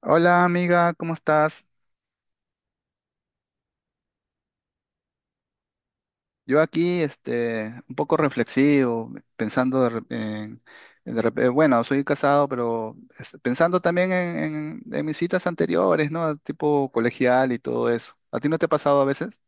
Hola amiga, ¿cómo estás? Yo aquí, un poco reflexivo, pensando de rep- en, de rep- bueno, soy casado, pero pensando también en mis citas anteriores, ¿no? Tipo colegial y todo eso. ¿A ti no te ha pasado a veces?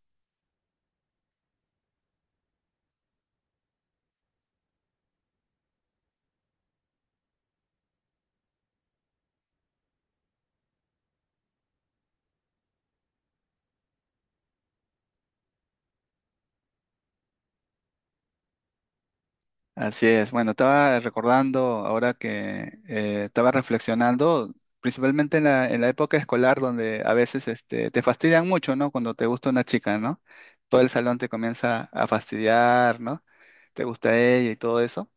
Así es. Bueno, estaba recordando ahora que estaba reflexionando, principalmente en la época escolar donde a veces te fastidian mucho, ¿no? Cuando te gusta una chica, ¿no? Todo el salón te comienza a fastidiar, ¿no? Te gusta ella y todo eso.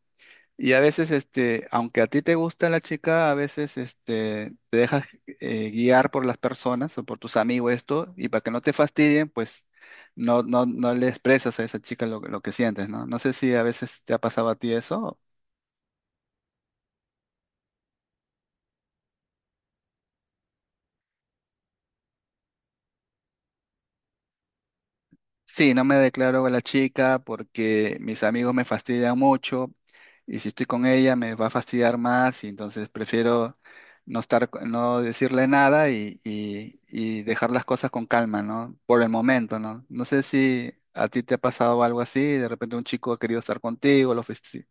Y a veces, aunque a ti te gusta la chica, a veces, te dejas guiar por las personas o por tus amigos esto, y para que no te fastidien, pues no, no, no le expresas a esa chica lo que sientes, ¿no? No sé si a veces te ha pasado a ti eso. Sí, no me declaro a la chica porque mis amigos me fastidian mucho y si estoy con ella me va a fastidiar más y entonces prefiero no estar, no decirle nada y dejar las cosas con calma, ¿no? Por el momento, ¿no? No sé si a ti te ha pasado algo así, de repente un chico ha querido estar contigo, lo fuiste-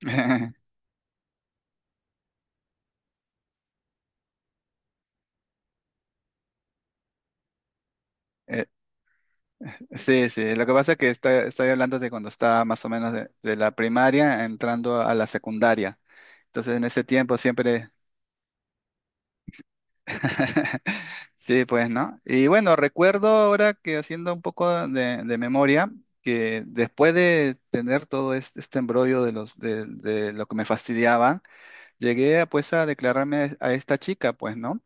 Eh, sí, sí, lo que pasa es que estoy hablando de cuando estaba más o menos de la primaria entrando a la secundaria. Entonces en ese tiempo siempre... Sí, pues, ¿no? Y bueno, recuerdo ahora que haciendo un poco de memoria, que después de tener todo este embrollo de lo que me fastidiaba, llegué a, pues a declararme a esta chica, pues, ¿no?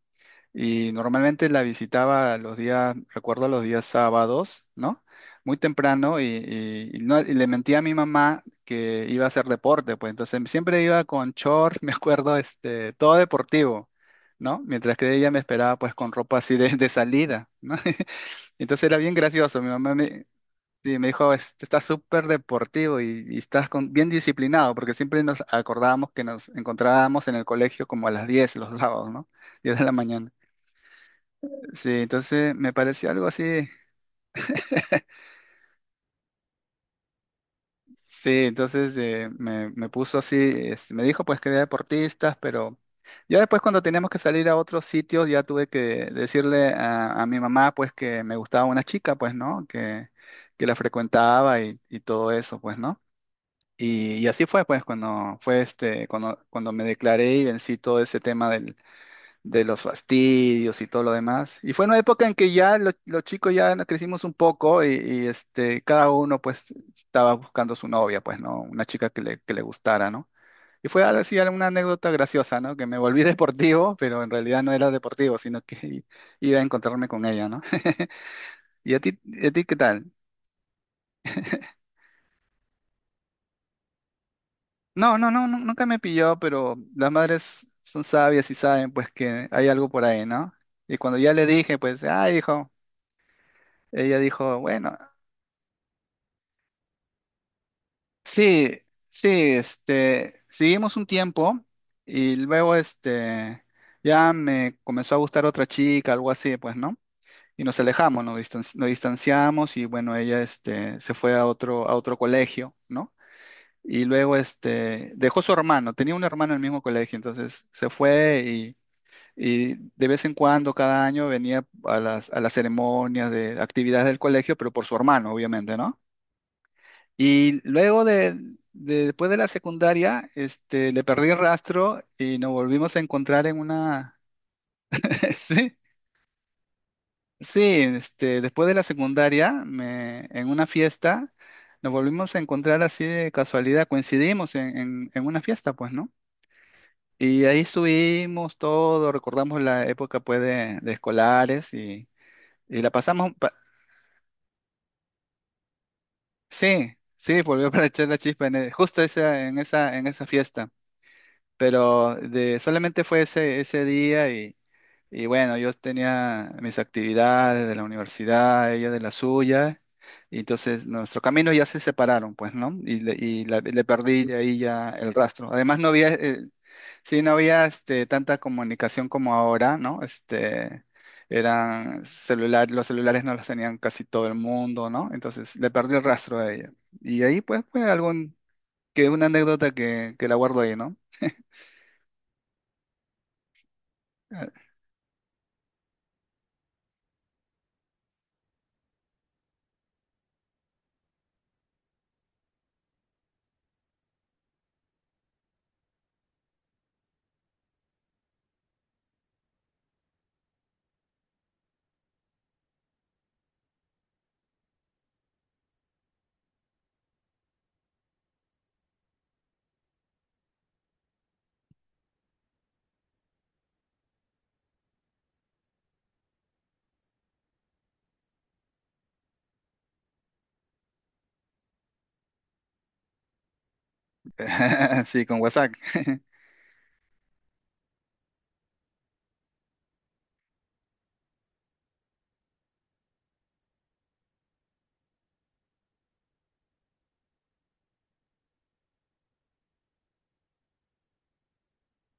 Y normalmente la visitaba recuerdo los días sábados, ¿no? Muy temprano y no- y le mentía a mi mamá que iba a hacer deporte, pues entonces siempre iba con short, me acuerdo, todo deportivo, ¿no? Mientras que ella me esperaba pues con ropa así de salida, ¿no? Entonces era bien gracioso, mi mamá me, sí, me dijo, "Estás súper deportivo y estás bien disciplinado, porque siempre nos acordábamos que nos encontrábamos en el colegio como a las 10 los sábados, ¿no? 10 de la mañana. Sí, entonces me pareció algo así. Sí, entonces me puso así, me dijo pues que era deportistas, pero ya después cuando teníamos que salir a otros sitios ya tuve que decirle a mi mamá pues que me gustaba una chica pues, ¿no? Que la frecuentaba y todo eso pues, ¿no? Y así fue pues cuando fue cuando me declaré y vencí todo ese tema de los fastidios y todo lo demás. Y fue una época en que ya los chicos ya nos crecimos un poco y cada uno pues estaba buscando su novia, pues, ¿no? Una chica que le gustara, ¿no? Y fue algo así una anécdota graciosa, ¿no? Que me volví deportivo, pero en realidad no era deportivo, sino que iba a encontrarme con ella, ¿no? ¿Y a ti qué tal? No, no, no, nunca me pilló, pero las madres son sabias y saben pues que hay algo por ahí, ¿no? Y cuando ya le dije, pues, ah, hijo, ella dijo, bueno. Sí, sí, seguimos un tiempo y luego, ya me comenzó a gustar otra chica, algo así, pues, ¿no? Y nos alejamos, nos distanciamos y bueno, ella, se fue a otro colegio, ¿no? Y luego, dejó su hermano, tenía un hermano en el mismo colegio, entonces se fue y de vez en cuando, cada año, venía a las ceremonias de actividades del colegio, pero por su hermano, obviamente, ¿no? Y luego después de la secundaria, le perdí el rastro y nos volvimos a encontrar en una, sí, sí, después de la secundaria, en una fiesta, nos volvimos a encontrar así de casualidad, coincidimos en una fiesta, pues, ¿no? Y ahí subimos todo, recordamos la época, pues, de escolares y la pasamos, sí, sí, volvió para echar la chispa justo en esa fiesta. Pero de, solamente fue ese día y bueno, yo tenía mis actividades de la universidad, ella de la suya, y entonces nuestros caminos ya se separaron, pues, ¿no? Le perdí de ahí ya el rastro. Además, no había, sí, no había tanta comunicación como ahora, ¿no? Eran celular, los celulares no los tenían casi todo el mundo, ¿no? Entonces le perdí el rastro a ella. Y ahí, pues, fue algún, que una anécdota que la guardo ahí, ¿no? Sí, con WhatsApp.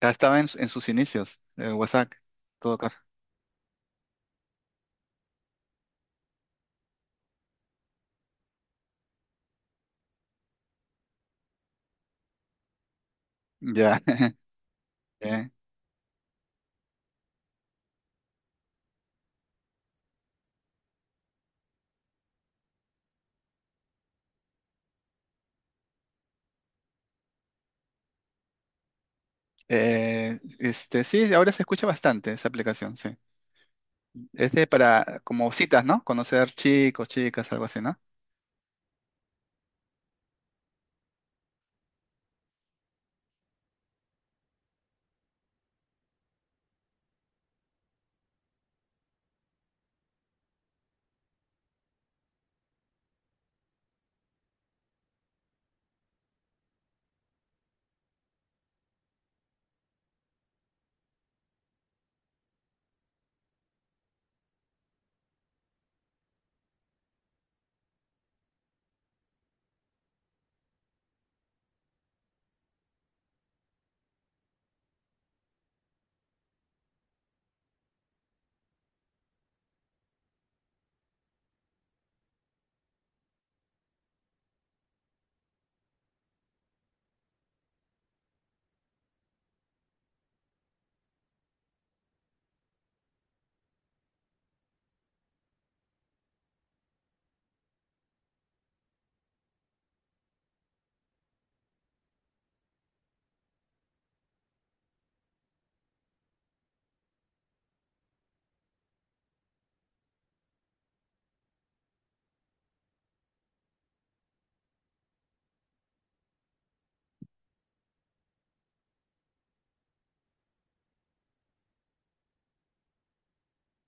Ya estaba en sus inicios, WhatsApp, en todo caso. Ya. Bien. Sí, ahora se escucha bastante esa aplicación, sí. Es de para, como citas, ¿no? Conocer chicos, chicas, algo así, ¿no?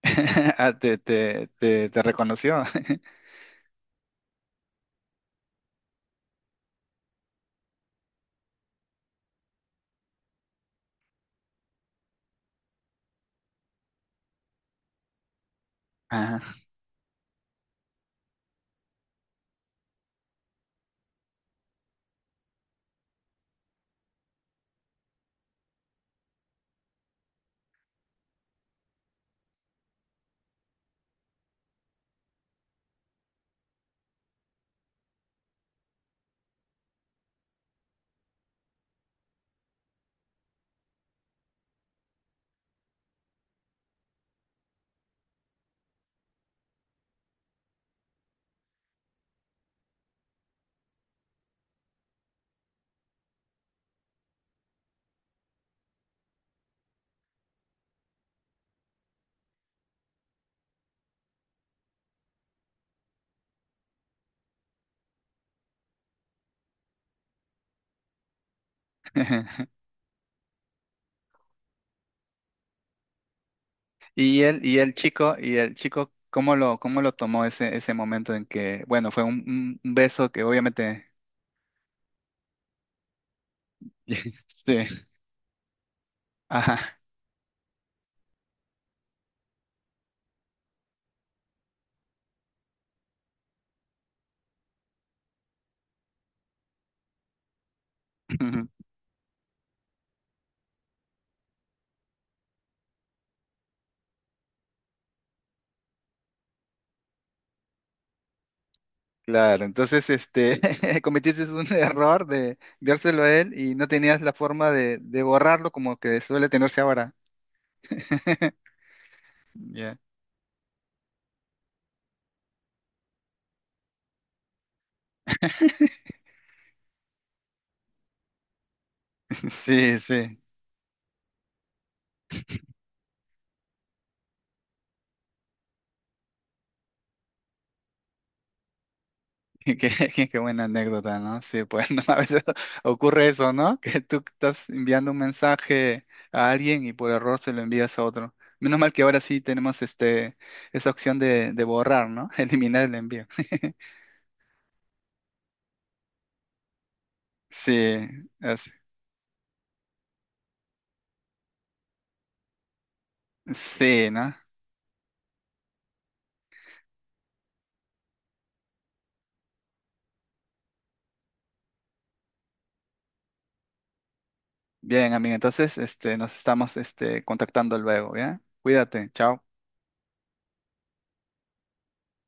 Ah, te reconoció. Ajá. Y el chico, ¿cómo lo tomó ese momento en que, bueno, fue un beso que obviamente, sí, ajá. Claro, entonces cometiste un error de enviárselo a él y no tenías la forma de borrarlo como que suele tenerse ahora. Ya. Sí, sí. Qué, qué buena anécdota, ¿no? Sí, pues ¿no? A veces ocurre eso, ¿no? Que tú estás enviando un mensaje a alguien y por error se lo envías a otro. Menos mal que ahora sí tenemos esa opción de borrar, ¿no? Eliminar el envío. Sí, es- sí, ¿no? Bien, amigo, entonces nos estamos contactando luego, ¿ya? Cuídate, chao.